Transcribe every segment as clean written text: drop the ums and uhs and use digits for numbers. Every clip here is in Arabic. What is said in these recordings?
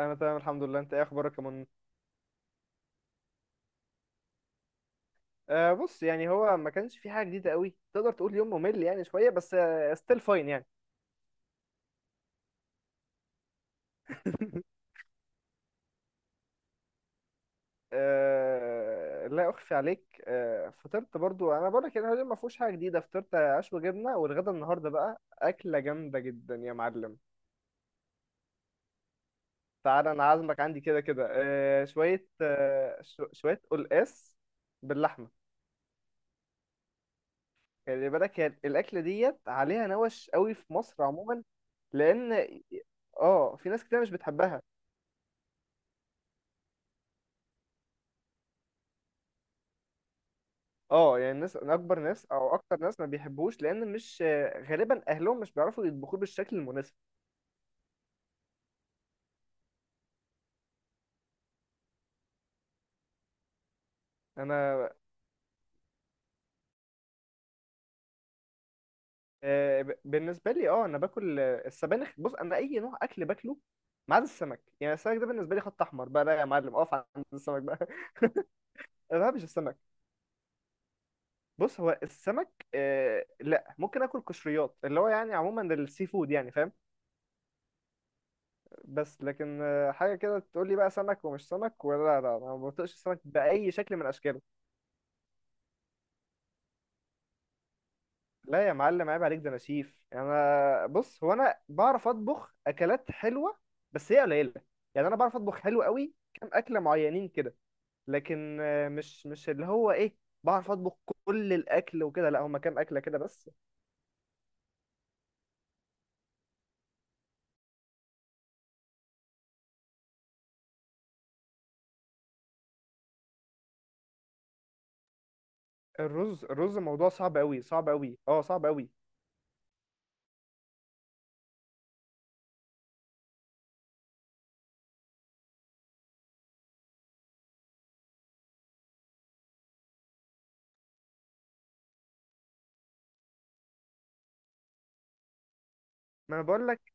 انا تمام الحمد لله. انت ايه اخبارك يا من؟ آه، بص يعني هو ما كانش في حاجه جديده قوي، تقدر تقول يوم ممل يعني شويه بس. ستيل فاين يعني. آه لا اخفي عليك، فطرت برضو، انا بقول لك اليوم ما فيهوش حاجه جديده. فطرت عشوه جبنه، والغدا النهارده بقى اكله جامده جدا يا معلم. تعالى، انا عازمك عندي كده كده، شويه، شويه قلقاس باللحمه. خلي بالك، هي الاكله ديت عليها نوش قوي في مصر عموما، لان اه في ناس كتير مش بتحبها. اه، يعني الناس اكبر ناس او اكتر ناس ما بيحبوش، لان مش غالبا اهلهم مش بيعرفوا يطبخوه بالشكل المناسب. انا بالنسبه لي، انا باكل، السبانخ، بص انا اي نوع اكل باكله ما عدا السمك، يعني السمك ده بالنسبه لي خط احمر بقى، لا يا معلم، اقف عند السمك بقى. ما بحبش السمك. بص، هو السمك لا، ممكن اكل قشريات، اللي هو يعني عموما السي فود يعني، فاهم؟ بس لكن حاجه كده تقول لي بقى سمك ومش سمك، ولا، لا لا، انا ما بطيقش السمك باي شكل من اشكاله. لا يا معلم، عيب عليك، ده انا شيف. انا بص، هو انا بعرف اطبخ اكلات حلوه، بس هي قليله. يعني انا بعرف اطبخ حلو قوي كام اكله معينين كده. لكن مش اللي هو ايه، بعرف اطبخ كل الاكل وكده، لا، هما كام اكله كده بس. الرز موضوع صعب قوي، صعب قوي، اه صعب قوي. ما انا بقول لك،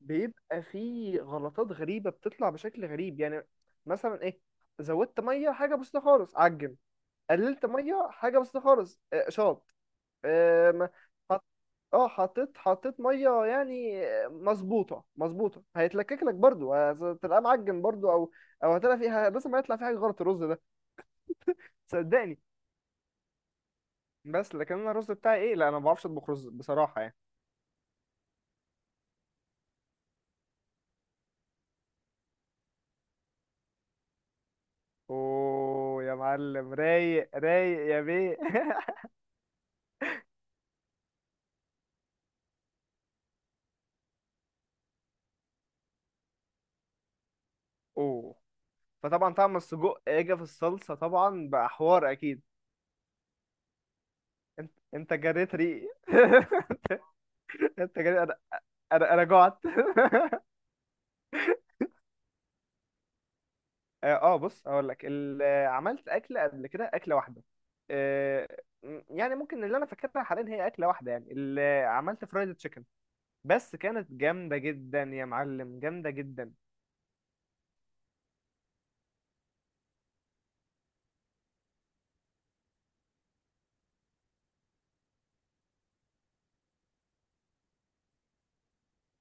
بيبقى فيه غلطات غريبه بتطلع بشكل غريب يعني. مثلا ايه، زودت ميه حاجه بسيطه خالص، عجن. قللت ميه حاجه بسيطه خالص، شاط. آم، حط- اه، حطيت ميه يعني مظبوطه مظبوطه، هيتلكك لك برضو، هتلاقيه معجن برضو، او او هتلاقي فيها، لازم ما يطلع فيه حاجه غلط الرز ده، صدقني. بس لكن انا الرز بتاعي ايه، لا انا ما بعرفش اطبخ رز بصراحه يعني. اوه يا معلم، رايق رايق يا بيه. اوه. فطبعا طعم السجق اجى في الصلصه، طبعا بقى حوار اكيد. انت جريت ريقي. انت جريت، انا جعت. اه، بص هقول لك عملت اكله قبل كده، اكله واحده. آه، يعني ممكن اللي انا فاكرها حاليا هي اكله واحده، يعني اللي عملت فرايد تشيكن، بس كانت جامده جدا يا معلم، جامده جدا.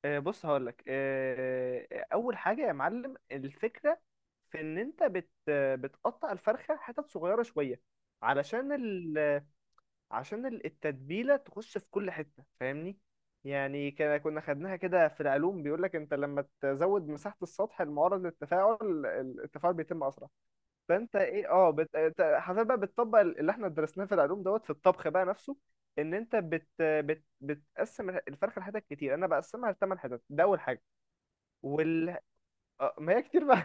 بص هقول لك، اول حاجه يا معلم، الفكره في ان انت بتقطع الفرخه حتت صغيره شويه، علشان التتبيلة تخش في كل حتة، فاهمني؟ يعني كنا خدناها كده في العلوم، بيقول لك انت لما تزود مساحة السطح المعرض للتفاعل، التفاعل بيتم اسرع. فانت ايه، انت حرفيا بقى بتطبق اللي احنا درسناه في العلوم دوت في الطبخ بقى نفسه. ان انت بتقسم الفرخة لحتت كتير، انا بقسمها لثمان حتت، ده اول حاجة. وال... آه، ما هي كتير بقى.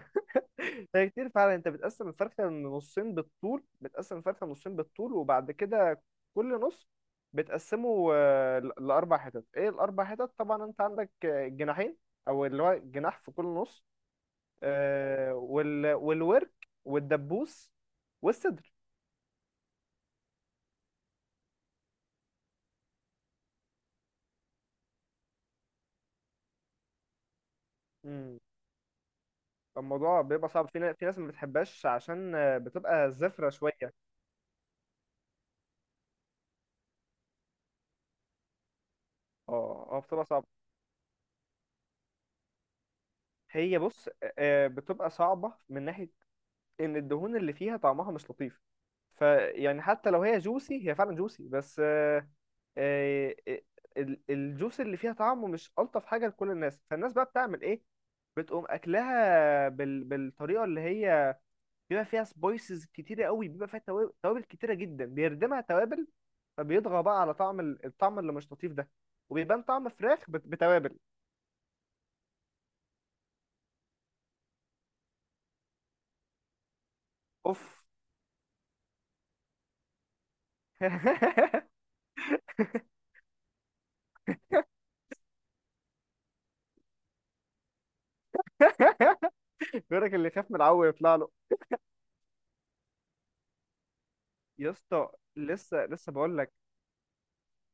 هي كتير فعلا. انت بتقسم الفرخه نصين بالطول، بتقسم الفرخه نصين بالطول، وبعد كده كل نص بتقسمه لاربع حتت. ايه الاربع حتت؟ طبعا انت عندك جناحين، او اللي هو جناح في كل نص، والورك، والدبوس، والصدر. مم. الموضوع بيبقى صعب، في ناس ما بتحبهاش عشان بتبقى زفرة شوية. اه اه، بتبقى صعبة. هي بص، بتبقى صعبة من ناحية ان الدهون اللي فيها طعمها مش لطيف. فيعني حتى لو هي جوسي، هي فعلا جوسي بس، آه، آه، الجوس اللي فيها طعمه مش ألطف حاجة لكل الناس، فالناس بقى بتعمل ايه؟ بتقوم اكلها بالطريقة اللي هي بيبقى فيها سبايسز كتيرة قوي، بيبقى فيها توابل كتيرة جدا، بيردمها توابل، فبيطغى بقى على الطعم اللي مش لطيف ده، وبيبان طعم فراخ بتوابل. اوف. بيقولك اللي يخاف من العو يطلع له. يا اسطى، لسه لسه بقول،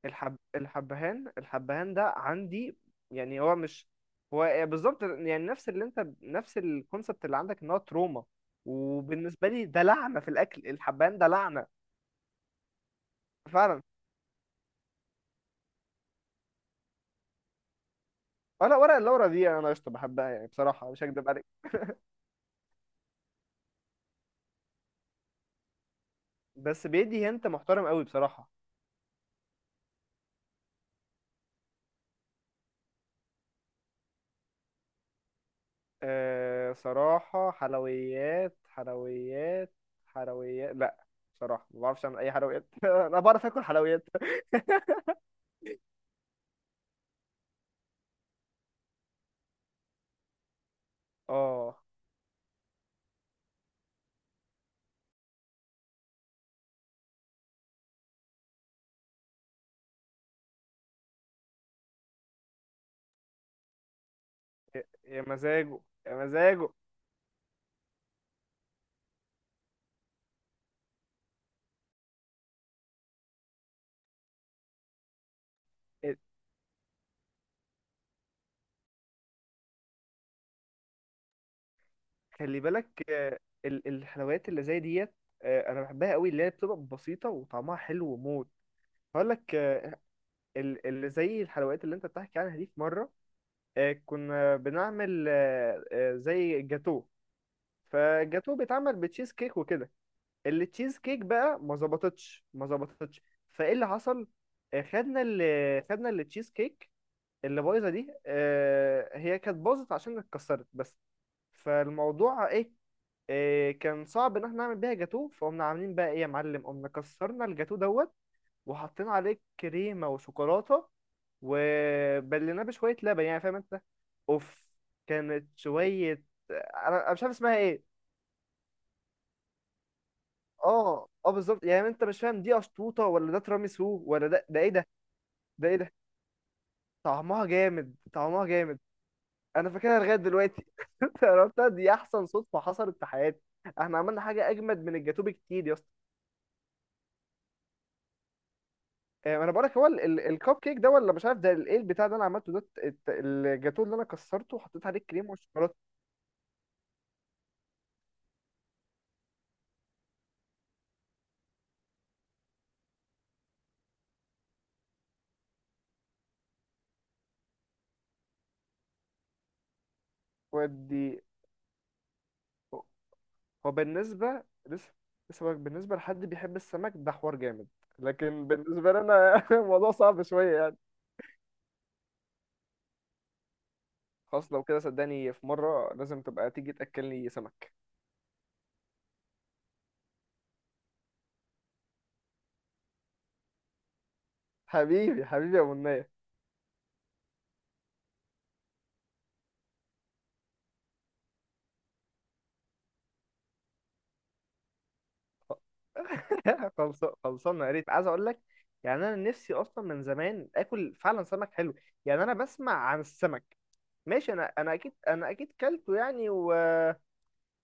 الحبهان ده عندي، يعني هو مش... هو بالظبط يعني نفس اللي انت، نفس الكونسبت اللي عندك، ان هو تروما. وبالنسبه لي ده لعنه في الاكل، الحبهان ده لعنه. فعلا. ولا ورق اللورا دي انا قشطه، بحبها يعني بصراحه، مش هكدب عليك. بس بيدي هنت محترم قوي بصراحه. أه صراحه، حلويات، حلويات، حلويات لا. بصراحه ما بعرفش اعمل اي حلويات. انا بعرف اكل حلويات. اه، يا مزاجه، يا مزاجه. خلي بالك، الحلويات اللي زي ديت، انا بحبها قوي، اللي هي بتبقى بسيطه وطعمها حلو وموت. هقول لك، اللي زي الحلويات اللي انت بتحكي عنها دي، في مره كنا بنعمل زي جاتو. فالجاتو بيتعمل بتشيز كيك وكده. التشيز كيك بقى ما ظبطتش، ما ظبطتش. فايه اللي حصل؟ خدنا التشيز كيك اللي بايظه دي، هي كانت باظت عشان اتكسرت بس. فالموضوع ايه، إيه كان صعب ان احنا نعمل بيها جاتوه، فقمنا عاملين بقى ايه يا معلم، قمنا كسرنا الجاتوه دوت، وحطينا عليه كريمه وشوكولاته، وبليناه بشويه لبن يعني، فاهم انت؟ اوف. كانت شويه... انا مش عارف اسمها ايه. اه اه بالظبط، يعني انت مش فاهم دي اشطوطه ولا ده تراميسو ولا ده ايه ده. ده ايه ده؟ طعمها جامد، طعمها جامد. انا فاكرها لغايه دلوقتي. انت عرفتها دي احسن صدفه حصلت في حياتي. احنا عملنا حاجه اجمد من الجاتوه بكتير يا اسطى. انا بقول لك، هو الكب كيك ده ولا مش عارف، ايه البتاع ده انا عملته، ده الجاتوه اللي انا كسرته وحطيت عليه كريم وشوكولاته. ودي... هو بالنسبه، لسه لسه بقولك، بالنسبه لحد بيحب السمك ده حوار جامد، لكن بالنسبه لنا الموضوع صعب شويه يعني. خلاص لو كده صدقني، في مره لازم تبقى تيجي تاكلني سمك. حبيبي حبيبي يا منى. خلص، خلصانه، يا ريت، عايز اقول لك، يعني انا نفسي اصلا من زمان اكل فعلا سمك حلو. يعني انا بسمع عن السمك، ماشي، انا اكيد، انا اكيد كلته يعني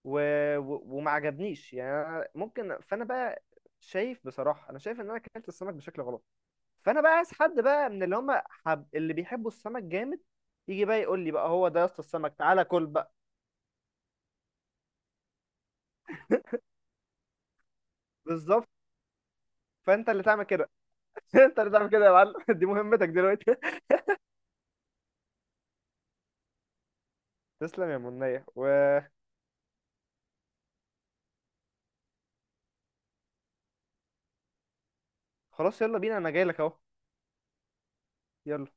و... وما عجبنيش يعني، أنا ممكن، فانا بقى شايف بصراحه، انا شايف ان انا اكلت السمك بشكل غلط. فانا بقى عايز حد بقى من اللي هم اللي بيحبوا السمك جامد، يجي بقى يقول لي بقى، هو ده يا اسطى السمك، تعالى كل بقى. بالظبط، فانت اللي تعمل كده. انت اللي تعمل كده يا معلم، دي مهمتك دلوقتي. تسلم يا منية، وخلاص. يلا بينا، انا جاي لك اهو. يلا.